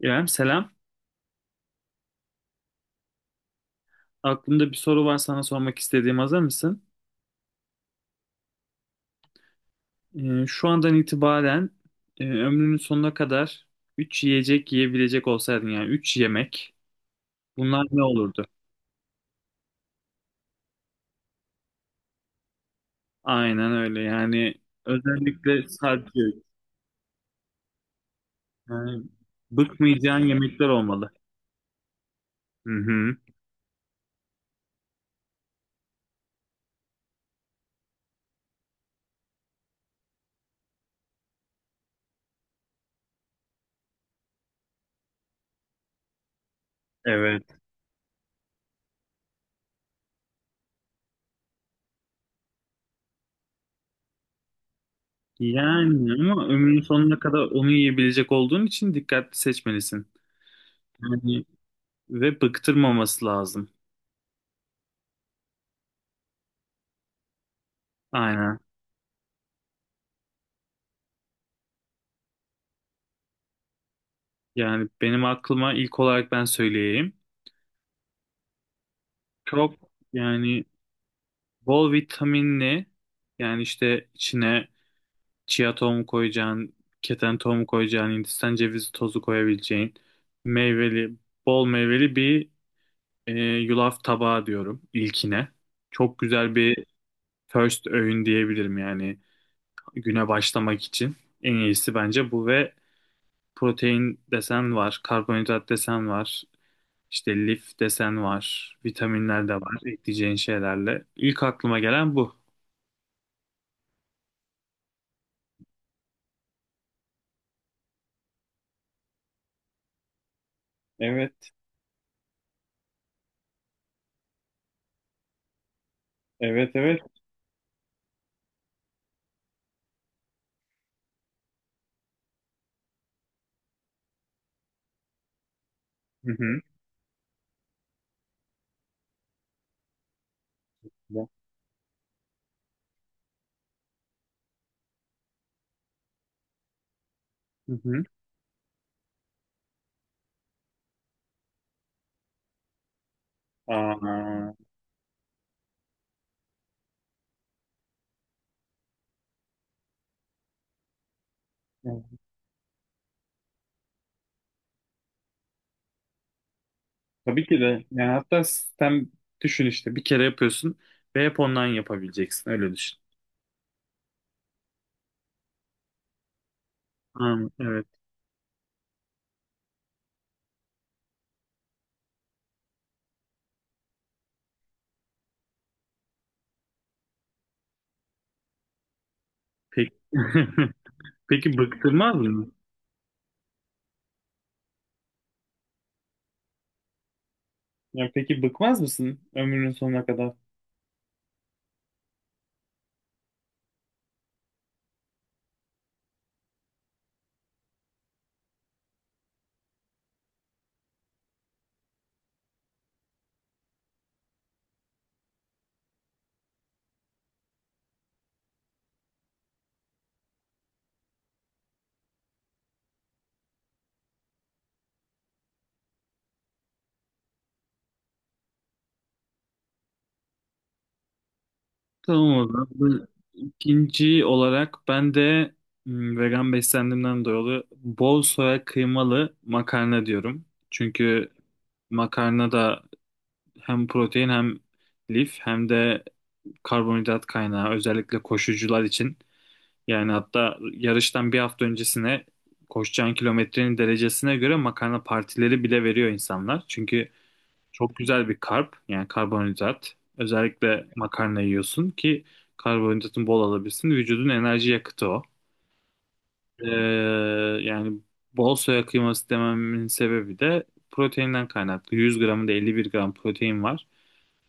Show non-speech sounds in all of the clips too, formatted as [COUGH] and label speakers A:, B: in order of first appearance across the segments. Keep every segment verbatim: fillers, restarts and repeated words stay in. A: İrem, selam. Aklımda bir soru var sana sormak istediğim. Hazır mısın? Ee, şu andan itibaren e, ömrünün sonuna kadar üç yiyecek yiyebilecek olsaydın, yani üç yemek, bunlar ne olurdu? Aynen öyle yani, özellikle sadece, yani bıkmayacağın yemekler olmalı. Hı hı, evet. Yani ama ömrünün sonuna kadar onu yiyebilecek olduğun için dikkatli seçmelisin. Yani ve bıktırmaması lazım. Aynen. Yani benim aklıma ilk olarak ben söyleyeyim. Çok, yani bol vitaminli, yani işte içine chia tohumu koyacağın, keten tohumu koyacağın, Hindistan cevizi tozu koyabileceğin meyveli, bol meyveli bir e, yulaf tabağı diyorum ilkine. Çok güzel bir first öğün diyebilirim, yani güne başlamak için. En iyisi bence bu ve protein desen var, karbonhidrat desen var. İşte lif desen var, vitaminler de var ekleyeceğin şeylerle. İlk aklıma gelen bu. Evet, evet, evet. Hı hı. Ya. Hı hı. Aa, evet. Tabii ki de. Yani hatta sistem düşün işte. Bir kere yapıyorsun ve hep ondan yapabileceksin. Öyle düşün. Ha, evet. Peki, [LAUGHS] peki bıktırmaz mı? Ya peki bıkmaz mısın ömrünün sonuna kadar? Tamam o zaman. Bu ikinci olarak ben de hmm, vegan beslendiğimden dolayı bol soya kıymalı makarna diyorum. Çünkü makarna da hem protein, hem lif, hem de karbonhidrat kaynağı, özellikle koşucular için. Yani hatta yarıştan bir hafta öncesine koşacağın kilometrenin derecesine göre makarna partileri bile veriyor insanlar. Çünkü çok güzel bir karp, yani karbonhidrat. Özellikle makarna yiyorsun ki karbonhidratın bol alabilsin. Vücudun enerji yakıtı o. Ee, Yani bol soya kıyması dememin sebebi de proteinden kaynaklı. yüz gramında elli bir gram protein var.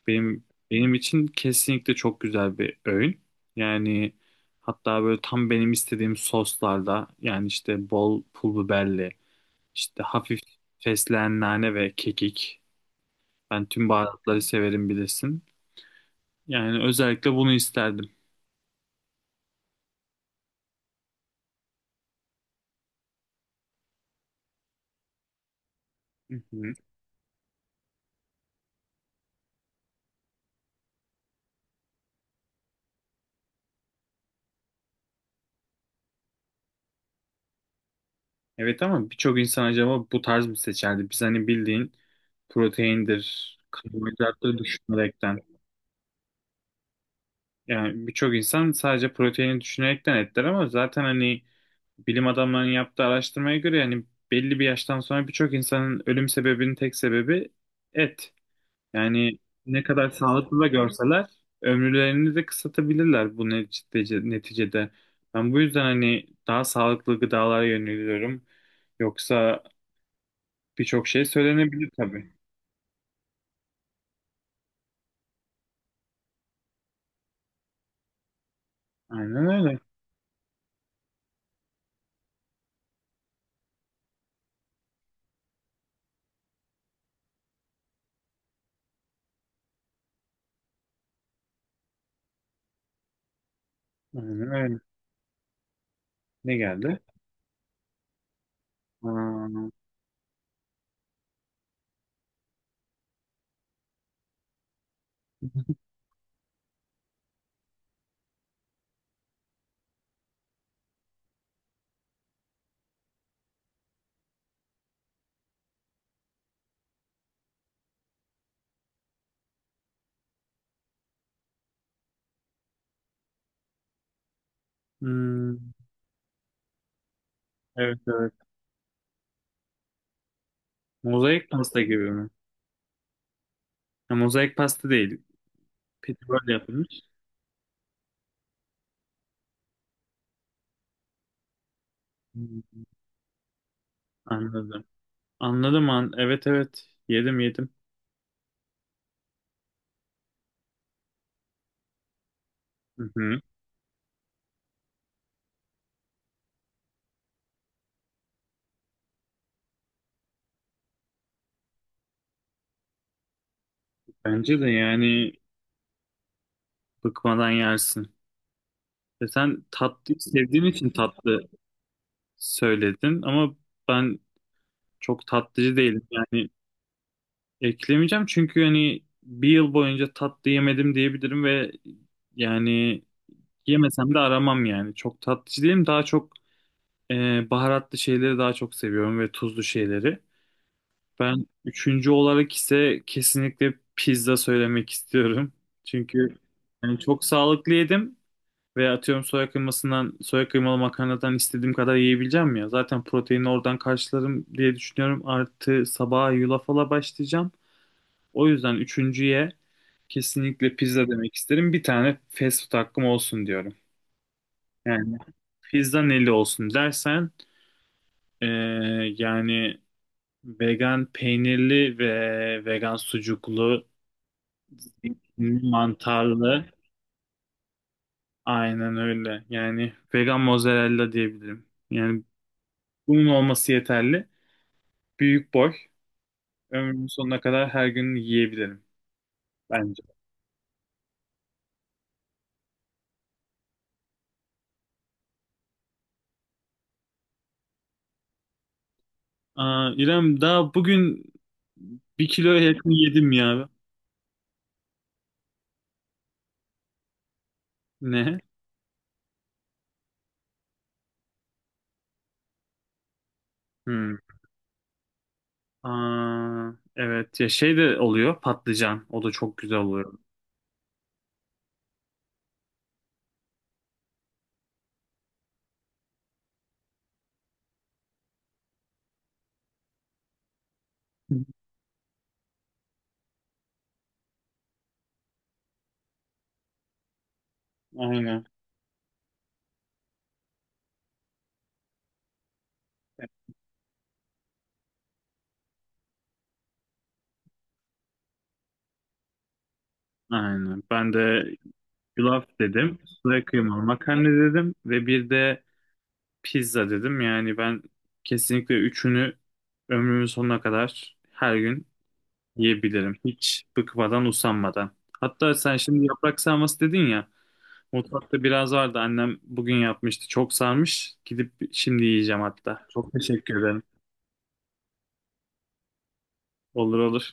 A: Benim benim için kesinlikle çok güzel bir öğün. Yani hatta böyle tam benim istediğim soslarda, yani işte bol pul biberli, işte hafif fesleğen, nane ve kekik. Ben tüm baharatları severim bilirsin. Yani özellikle bunu isterdim. Hı hı. Evet, ama birçok insan acaba bu tarz mı seçerdi? Biz hani bildiğin proteindir, karbonhidrattır düşünerekten. Yani birçok insan sadece proteini düşünerekten etler ama zaten hani bilim adamlarının yaptığı araştırmaya göre, yani belli bir yaştan sonra birçok insanın ölüm sebebinin tek sebebi et. Yani ne kadar sağlıklı da görseler ömürlerini de kısaltabilirler bu neticede, neticede. Ben bu yüzden hani daha sağlıklı gıdalara yöneliyorum. Yoksa birçok şey söylenebilir tabii. Aynen öyle. Aynen öyle. Ne geldi? Aa, hmm, evet evet. Mozaik pasta gibi mi? Ha, mozaik pasta değil. Petiböl yapılmış. Hmm, anladım. Anladım an. Evet evet. Yedim yedim. Hı hı. Bence de yani bıkmadan yersin. E sen tatlıyı sevdiğin için tatlı söyledin ama ben çok tatlıcı değilim. Yani eklemeyeceğim çünkü hani bir yıl boyunca tatlı yemedim diyebilirim ve yani yemesem de aramam yani. Çok tatlıcı değilim. Daha çok e, baharatlı şeyleri daha çok seviyorum ve tuzlu şeyleri. Ben üçüncü olarak ise kesinlikle pizza söylemek istiyorum. Çünkü yani çok sağlıklı yedim. Veya atıyorum soya kıymasından, soya kıymalı makarnadan istediğim kadar yiyebileceğim ya. Zaten proteini oradan karşılarım diye düşünüyorum. Artı sabaha yulafala başlayacağım. O yüzden üçüncüye kesinlikle pizza demek isterim. Bir tane fast food hakkım olsun diyorum. Yani pizza neli olsun dersen eee, yani vegan peynirli ve vegan sucuklu, zeytinli, mantarlı, aynen öyle. Yani vegan mozzarella diyebilirim. Yani bunun olması yeterli. Büyük boy. Ömrümün sonuna kadar her gün yiyebilirim bence. Aa, İrem, daha bugün bir kiloya yakın yedim ya. Ne? Hmm. Aa, evet ya, şey de oluyor, patlıcan. O da çok güzel oluyor. [LAUGHS] Aynen. Aynen. Ben de yulaf dedim. Üstüne kıymalı makarna dedim. Ve bir de pizza dedim. Yani ben kesinlikle üçünü ömrümün sonuna kadar her gün yiyebilirim. Hiç bıkmadan, usanmadan. Hatta sen şimdi yaprak sarması dedin ya. Mutfakta biraz vardı. Annem bugün yapmıştı. Çok sarmış. Gidip şimdi yiyeceğim hatta. Çok teşekkür ederim. Olur olur.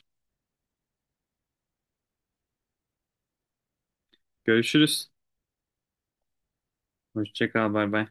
A: Görüşürüz. Hoşça kal. Bay bay.